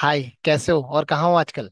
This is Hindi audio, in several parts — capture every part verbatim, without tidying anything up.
हाय, कैसे हो और कहाँ हो आजकल।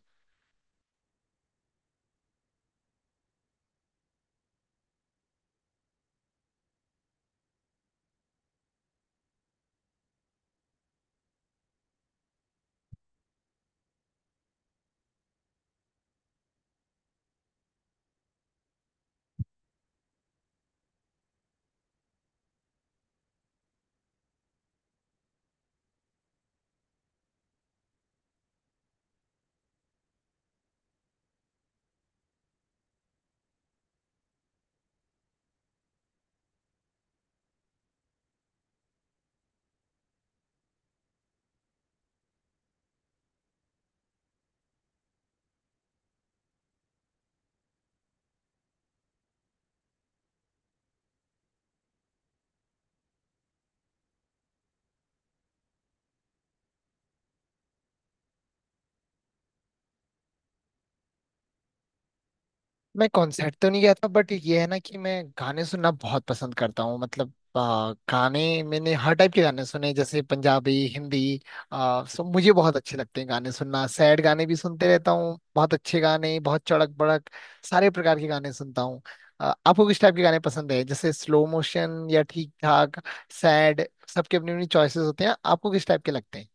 मैं कॉन्सर्ट तो नहीं गया था बट ये है ना कि मैं गाने सुनना बहुत पसंद करता हूँ। मतलब आ, गाने मैंने हर टाइप के गाने सुने, जैसे पंजाबी, हिंदी। आ, सब मुझे बहुत अच्छे लगते हैं, गाने सुनना। सैड गाने भी सुनते रहता हूँ, बहुत अच्छे गाने, बहुत चड़क बड़क। सारे प्रकार के गाने सुनता हूँ। आ, आपको किस टाइप के गाने पसंद है, जैसे स्लो मोशन या ठीक ठाक, सैड। सबके अपनी अपनी चॉइसेस होते हैं, आपको किस टाइप के लगते हैं।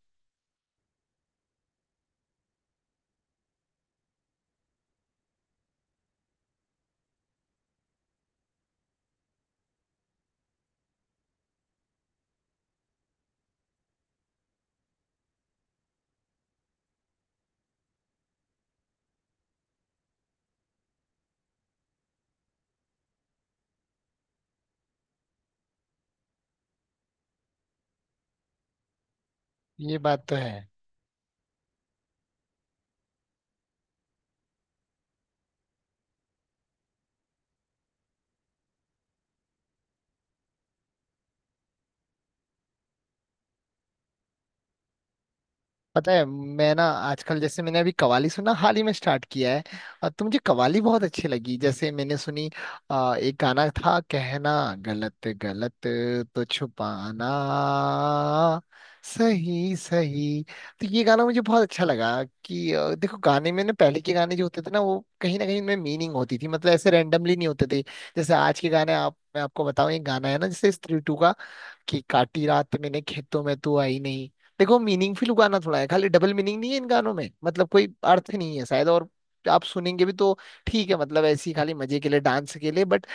ये बात तो है। पता है मैं ना आजकल, जैसे मैंने अभी कवाली सुनना हाल ही में स्टार्ट किया है। और तो मुझे कवाली बहुत अच्छी लगी, जैसे मैंने सुनी। अ, एक गाना था, कहना गलत गलत तो छुपाना सही सही। तो ये गाना मुझे बहुत अच्छा लगा कि अ, देखो, गाने में ना पहले के गाने जो होते थे ना, वो कहीं ना कहीं उनमें मीनिंग होती थी। मतलब ऐसे रेंडमली नहीं होते थे। जैसे आज के गाने, आप, मैं आपको बताऊं, एक गाना है ना जैसे स्त्री टू, कि काटी रात मैंने खेतों में तू आई नहीं। देखो, मीनिंगफुल गाना थोड़ा है, खाली डबल मीनिंग नहीं है। इन गानों में मतलब कोई अर्थ नहीं है शायद। और आप सुनेंगे भी तो ठीक है, मतलब ऐसी खाली मजे के लिए, डांस के लिए। बट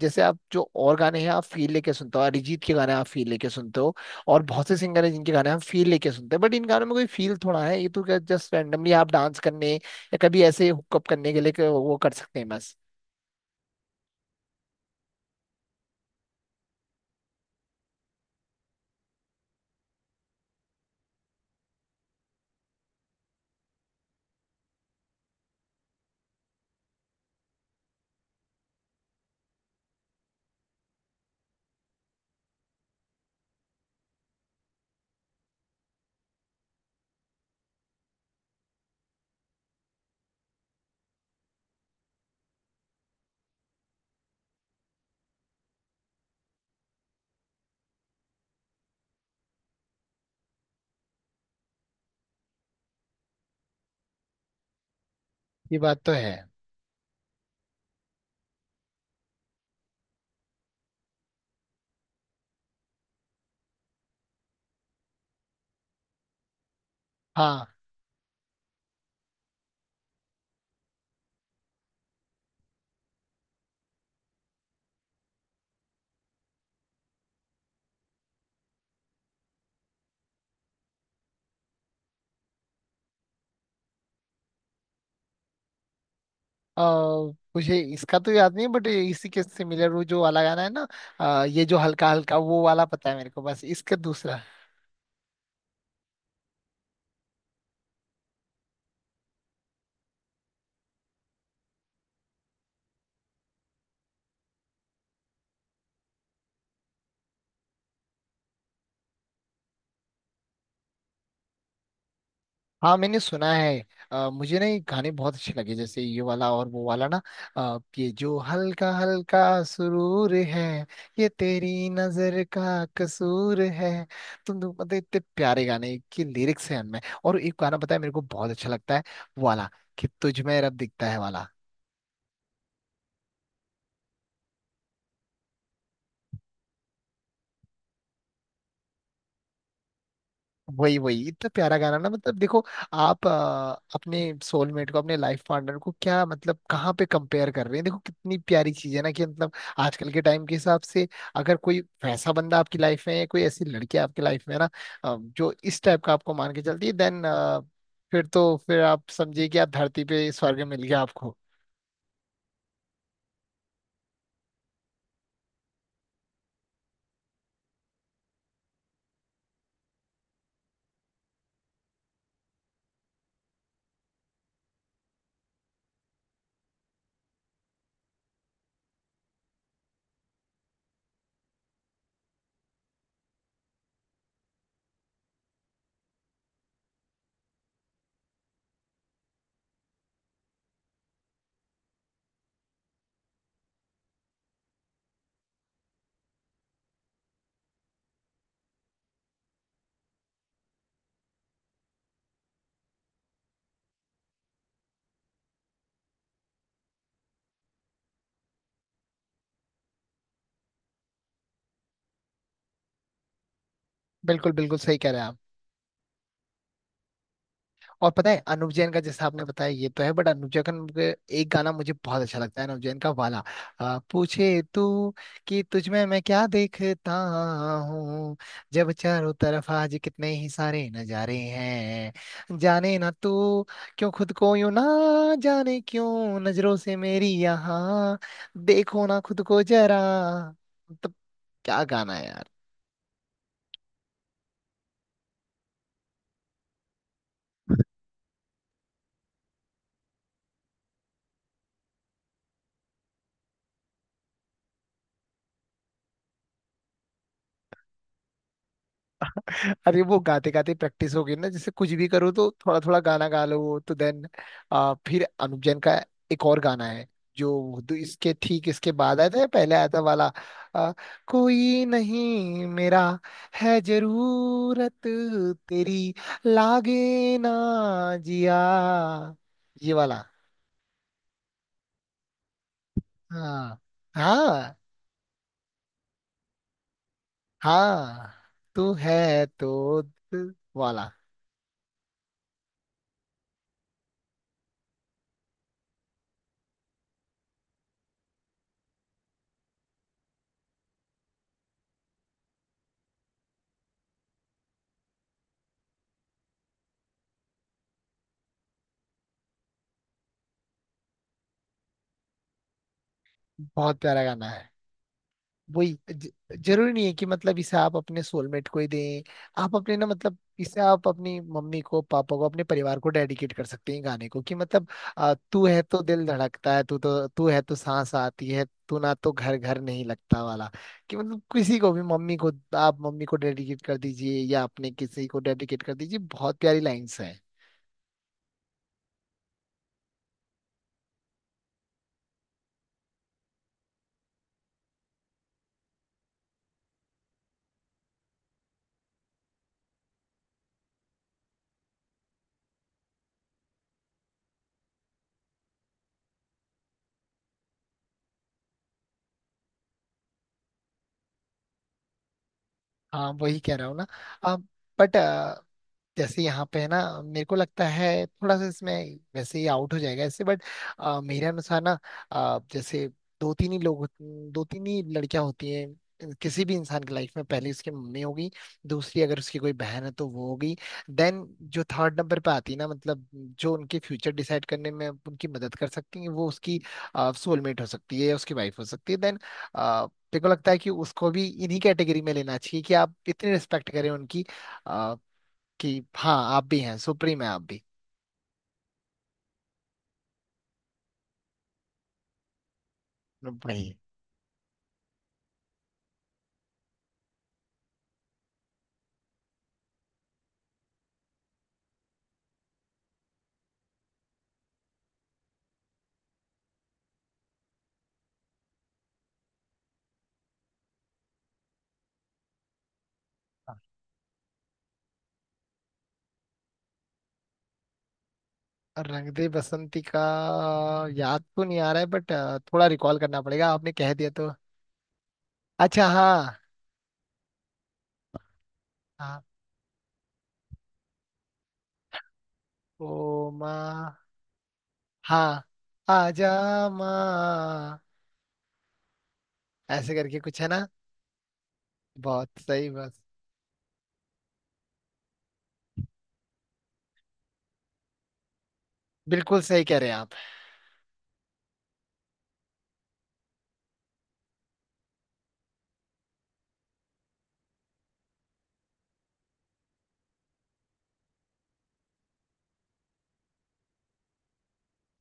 जैसे आप जो और गाने हैं, आप फील लेके सुनते हो, अरिजीत के गाने आप फील लेके सुनते हो। और बहुत से सिंगर हैं जिनके गाने हम फील लेके सुनते हैं। बट इन गानों में कोई फील थोड़ा है, ये तो क्या जस्ट रैंडमली आप डांस करने या कभी ऐसे हुकअप करने के लिए कि वो कर सकते हैं, बस। ये बात तो है। हाँ, अ, मुझे इसका तो याद नहीं, बट इसी के सिमिलर वो जो वाला गाना है ना, अ, ये जो हल्का हल्का, वो वाला पता है मेरे को, बस इसका दूसरा। हाँ, मैंने सुना है। अ, मुझे ना ये गाने बहुत अच्छे लगे, जैसे ये वाला और वो वाला ना। अ, ये जो हल्का हल्का सुरूर है, ये तेरी नजर का कसूर है, तुम तो पता है, इतने प्यारे गाने के लिरिक्स हैं उनमें। और एक गाना, पता है मेरे को बहुत अच्छा लगता है, वो वाला, कि तुझ में रब दिखता है वाला। वही वही, इतना प्यारा गाना ना। मतलब देखो, आप अ, अपने सोलमेट को, अपने लाइफ पार्टनर को, क्या मतलब कहाँ पे कंपेयर कर रहे हैं। देखो कितनी प्यारी चीज है ना कि मतलब, आजकल के टाइम के हिसाब से अगर कोई वैसा बंदा आपकी लाइफ में है, कोई ऐसी लड़की आपकी लाइफ में है ना, अ, जो इस टाइप का आपको मान के चलती है, देन फिर तो फिर आप समझिए कि आप धरती पे स्वर्ग मिल गया आपको। बिल्कुल बिल्कुल सही कह रहे हैं आप। और पता है, अनुव जैन का, जैसा आपने बताया ये तो है, बट अनुव जैन का एक गाना मुझे बहुत अच्छा लगता है, अनुव जैन का वाला। आ, पूछे तू कि तुझ में मैं क्या देखता हूँ, जब चारों तरफ आज कितने ही सारे नजारे हैं, जाने ना तू क्यों खुद को, यूं ना जाने क्यों नजरों से मेरी यहाँ, देखो ना खुद को जरा। मतलब क्या गाना है यार। अरे, वो गाते गाते प्रैक्टिस हो गई ना, जैसे कुछ भी करो तो थोड़ा थोड़ा गाना गा लो तो देन। आ, फिर अनुप जैन का एक और गाना है, जो दो- इसके ठीक इसके बाद आया था या पहले आया था वाला, आ, कोई नहीं मेरा है जरूरत तेरी, लागे ना जिया, ये वाला। हाँ। हाँ। हाँ। तू है तो दिल वाला। बहुत प्यारा गाना है। वही ज- जरूरी नहीं है कि मतलब इसे आप अपने सोलमेट को ही दें। आप अपने ना, मतलब इसे आप अपनी मम्मी को, पापा को, अपने परिवार को डेडिकेट कर सकते हैं गाने को कि मतलब, आ, तू है तो दिल धड़कता है, तू तो, तू है तो सांस आती है, तू ना तो घर घर नहीं लगता वाला। कि मतलब किसी को भी, मम्मी को, आप मम्मी को डेडिकेट कर दीजिए या अपने किसी को डेडिकेट कर दीजिए, बहुत प्यारी लाइंस है। हाँ, वही कह रहा हूँ ना। बट जैसे यहाँ पे है ना, मेरे को लगता है थोड़ा सा इसमें वैसे ही आउट हो जाएगा इससे, बट मेरे अनुसार ना, अ, जैसे दो तीन ही लोग होत- दो तीन ही लड़कियां होती हैं किसी भी इंसान की लाइफ में। पहली उसकी मम्मी होगी, दूसरी अगर उसकी कोई बहन है तो वो होगी, देन जो थर्ड नंबर पे आती है ना, मतलब जो उनके फ्यूचर डिसाइड करने में उनकी मदद कर सकती है, वो उसकी सोलमेट हो सकती है या उसकी वाइफ हो सकती है। देन मेरे को लगता है कि उसको भी इन्हीं कैटेगरी में लेना चाहिए, कि आप इतनी रिस्पेक्ट करें उनकी कि हाँ, आप भी हैं, सुप्रीम है आप भी। भाई, रंग दे बसंती का याद तो नहीं आ रहा है, बट थोड़ा रिकॉल करना पड़ेगा, आपने कह दिया तो। अच्छा, हाँ। हाँ। ओ माँ। हाँ, आ जा माँ, ऐसे करके कुछ है ना। बहुत सही, बस। बिल्कुल सही कह रहे हैं आप।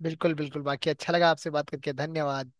बिल्कुल बिल्कुल, बाकी अच्छा लगा आपसे बात करके, धन्यवाद।